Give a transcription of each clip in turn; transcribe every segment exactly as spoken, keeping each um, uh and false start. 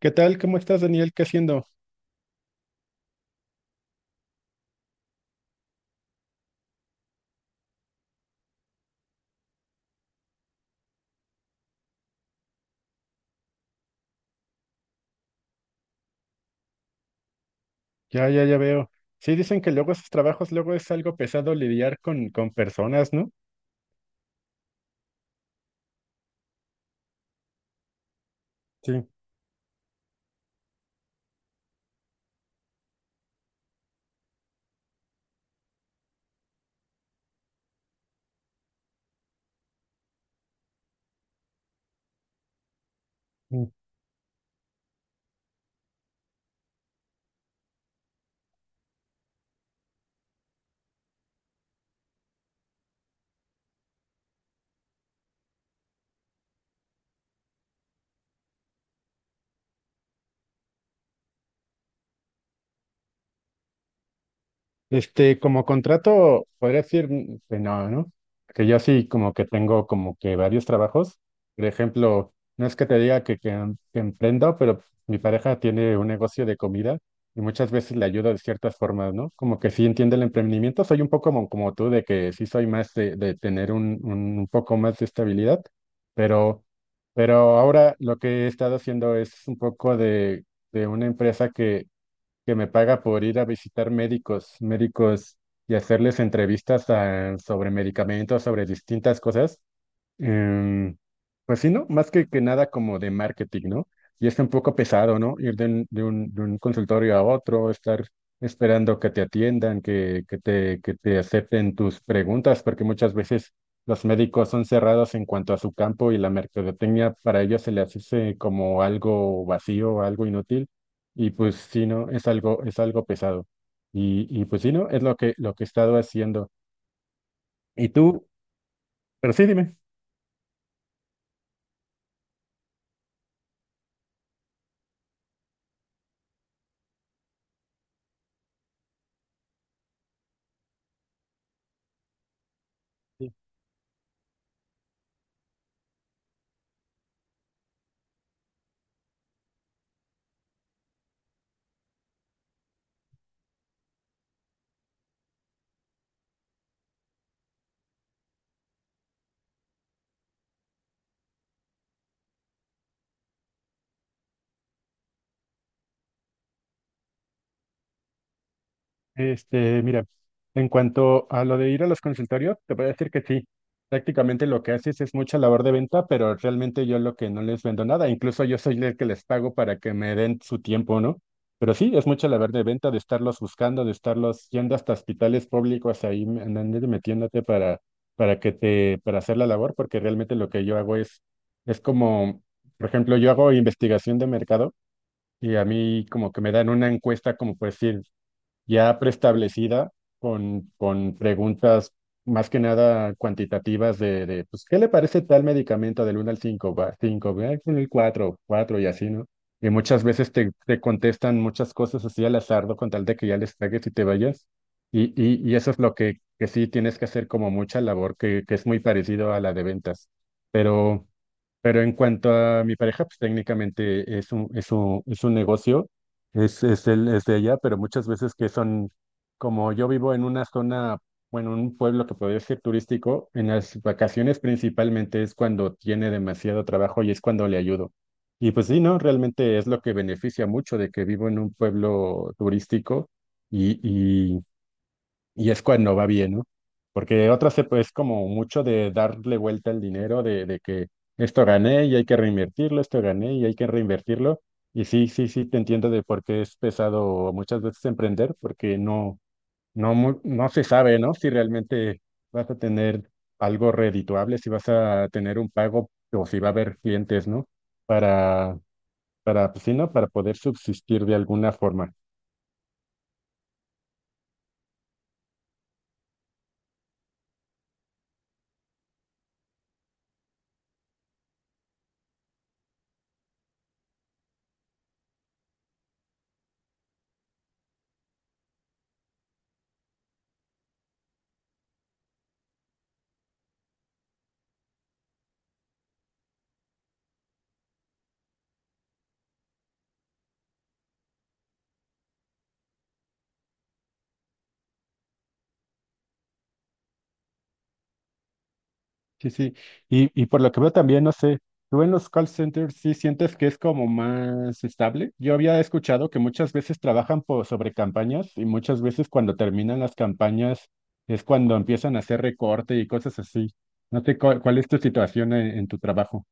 ¿Qué tal? ¿Cómo estás, Daniel? ¿Qué haciendo? Ya, ya, ya veo. Sí, dicen que luego esos trabajos, luego es algo pesado lidiar con, con personas, ¿no? Sí. Este, como contrato, podría decir mm, que no, ¿no? Que yo sí como que tengo como que varios trabajos. Por ejemplo, no es que te diga que, que, em- que emprendo, pero mi pareja tiene un negocio de comida y muchas veces le ayudo de ciertas formas, ¿no? Como que sí entiende el emprendimiento. Soy un poco como, como tú, de que sí soy más de, de tener un, un, un poco más de estabilidad, pero, pero ahora lo que he estado haciendo es un poco de, de una empresa que que me paga por ir a visitar médicos, médicos y hacerles entrevistas ah, sobre medicamentos, sobre distintas cosas. Em, pues sí, ¿no? Más que, que nada como de marketing, ¿no? Y es un poco pesado, ¿no? Ir de un, de un, de un consultorio a otro, estar esperando que te atiendan, que, que te, que te acepten tus preguntas, porque muchas veces los médicos son cerrados en cuanto a su campo y la mercadotecnia para ellos se les hace como algo vacío, algo inútil. Y pues sí, ¿no? Es algo, es algo pesado. Y, y pues sí, ¿no? Es lo que, lo que he estado haciendo. Y tú, pero sí, dime. Este, mira, en cuanto a lo de ir a los consultorios, te voy a decir que sí. Prácticamente lo que haces es mucha labor de venta, pero realmente yo lo que no les vendo nada. Incluso yo soy el que les pago para que me den su tiempo, ¿no? Pero sí, es mucha labor de venta, de estarlos buscando, de estarlos yendo hasta hospitales públicos ahí, me- andando y metiéndote para, para que te, para hacer la labor, porque realmente lo que yo hago es, es como, por ejemplo, yo hago investigación de mercado y a mí como que me dan una encuesta como por decir ya preestablecida con, con preguntas más que nada cuantitativas de, de, pues, ¿qué le parece tal medicamento del uno al cinco? cinco, con el cuatro cuatro y así, ¿no? Y muchas veces te, te contestan muchas cosas así al azar, ¿no?, con tal de que ya les tragues y te vayas. Y, y, y eso es lo que, que sí tienes que hacer como mucha labor, que, que es muy parecido a la de ventas. Pero... Pero en cuanto a mi pareja, pues técnicamente es un, es un, es un negocio, es, es, el, es de ella, pero muchas veces que son, como yo vivo en una zona, bueno, un pueblo que podría ser turístico, en las vacaciones principalmente es cuando tiene demasiado trabajo y es cuando le ayudo. Y pues sí, no, realmente es lo que beneficia mucho de que vivo en un pueblo turístico y es cuando va bien, ¿no? Porque otra se pues como mucho de darle vuelta al dinero, de, de que esto gané y hay que reinvertirlo, esto gané y hay que reinvertirlo. Y sí, sí, sí, te entiendo de por qué es pesado muchas veces emprender, porque no, no, mu- no se sabe, ¿no? Si realmente vas a tener algo redituable, si vas a tener un pago o si va a haber clientes, ¿no? Para, para, pues, sí, ¿no? Para poder subsistir de alguna forma. Sí, sí. Y, y por lo que veo también, no sé, tú en los call centers sí sientes que es como más estable. Yo había escuchado que muchas veces trabajan por, sobre campañas y muchas veces cuando terminan las campañas es cuando empiezan a hacer recorte y cosas así. No sé cu- cuál es tu situación en, en tu trabajo.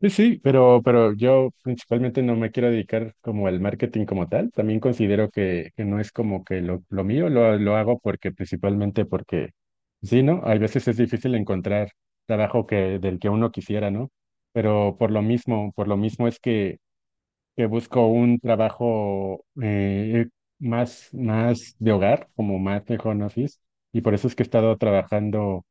Sí, sí, pero, pero yo principalmente no me quiero dedicar como al marketing como tal. También considero que, que no es como que lo, lo mío, lo, lo hago porque principalmente porque, sí, ¿no? Hay veces es difícil encontrar trabajo que, del que uno quisiera, ¿no? Pero por lo mismo, por lo mismo es que, que busco un trabajo eh, más, más de hogar, como más de home office, y por eso es que he estado trabajando.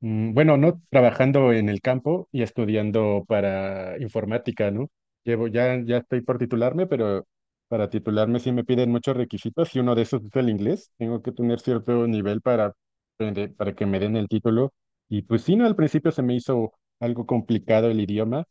Mm, Bueno, no trabajando en el campo y estudiando para informática, ¿no? Llevo, ya, ya estoy por titularme, pero para titularme sí me piden muchos requisitos y uno de esos es el inglés. Tengo que tener cierto nivel para, aprender- para que me den el título. Y pues sí, no, al principio se me hizo algo complicado el idioma,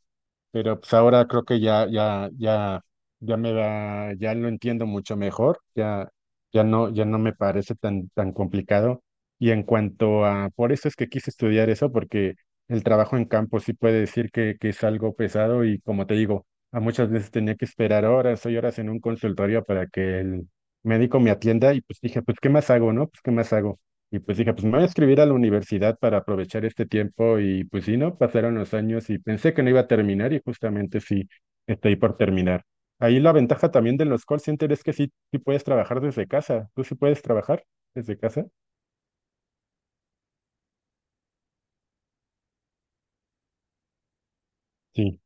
pero pues ahora creo que ya, ya, ya, ya me da ya lo entiendo mucho mejor, ya, ya no, ya no me parece tan, tan complicado. Y en cuanto a, por eso es que quise estudiar eso, porque el trabajo en campo sí puede decir que, que es algo pesado y como te digo, a muchas veces tenía que esperar horas y horas en un consultorio para que el médico me atienda y pues dije, pues, ¿qué más hago, no? Pues, ¿qué más hago? Y pues dije, pues me voy a escribir a la universidad para aprovechar este tiempo y pues sí, ¿no? Pasaron los años y pensé que no iba a terminar y justamente sí, estoy por terminar. Ahí la ventaja también de los call centers es que sí, sí puedes trabajar desde casa. ¿Tú sí puedes trabajar desde casa? Sí,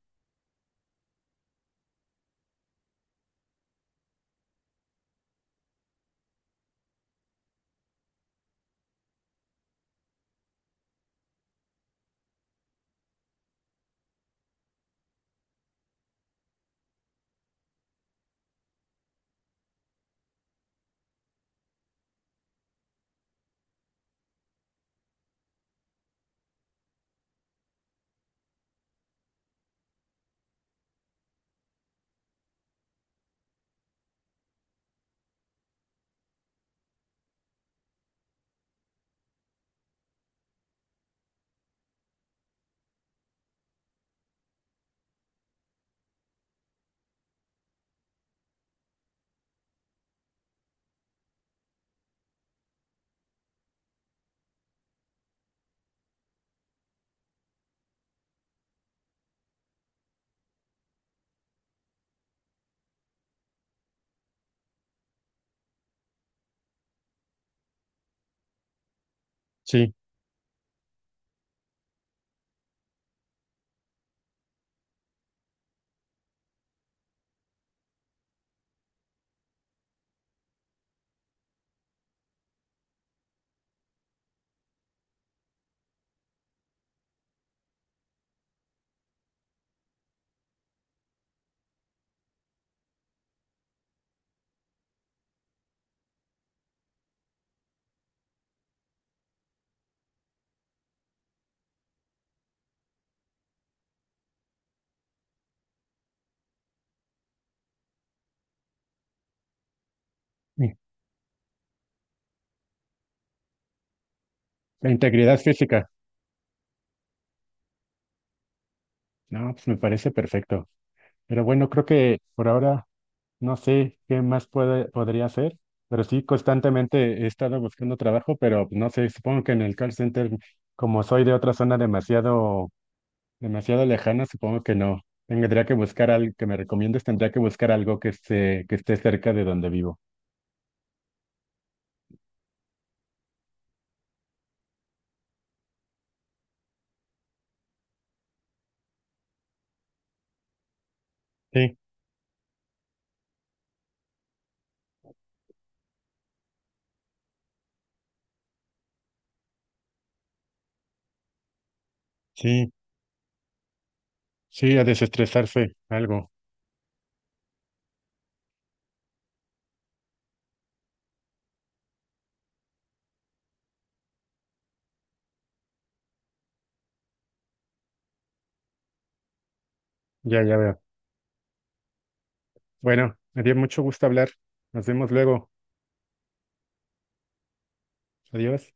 sí. Mm. La integridad física. No, pues me parece perfecto. Pero bueno, creo que por ahora no sé qué más puede, podría hacer, pero sí, constantemente he estado buscando trabajo, pero no sé, supongo que en el call center, como soy de otra zona demasiado, demasiado lejana, supongo que no. Tendría que buscar algo que me recomiendes, tendría que buscar algo que esté, que esté cerca de donde vivo. Sí, sí, sí, a desestresarse, algo. Ya, ya veo. Bueno, me dio mucho gusto hablar. Nos vemos luego. Adiós.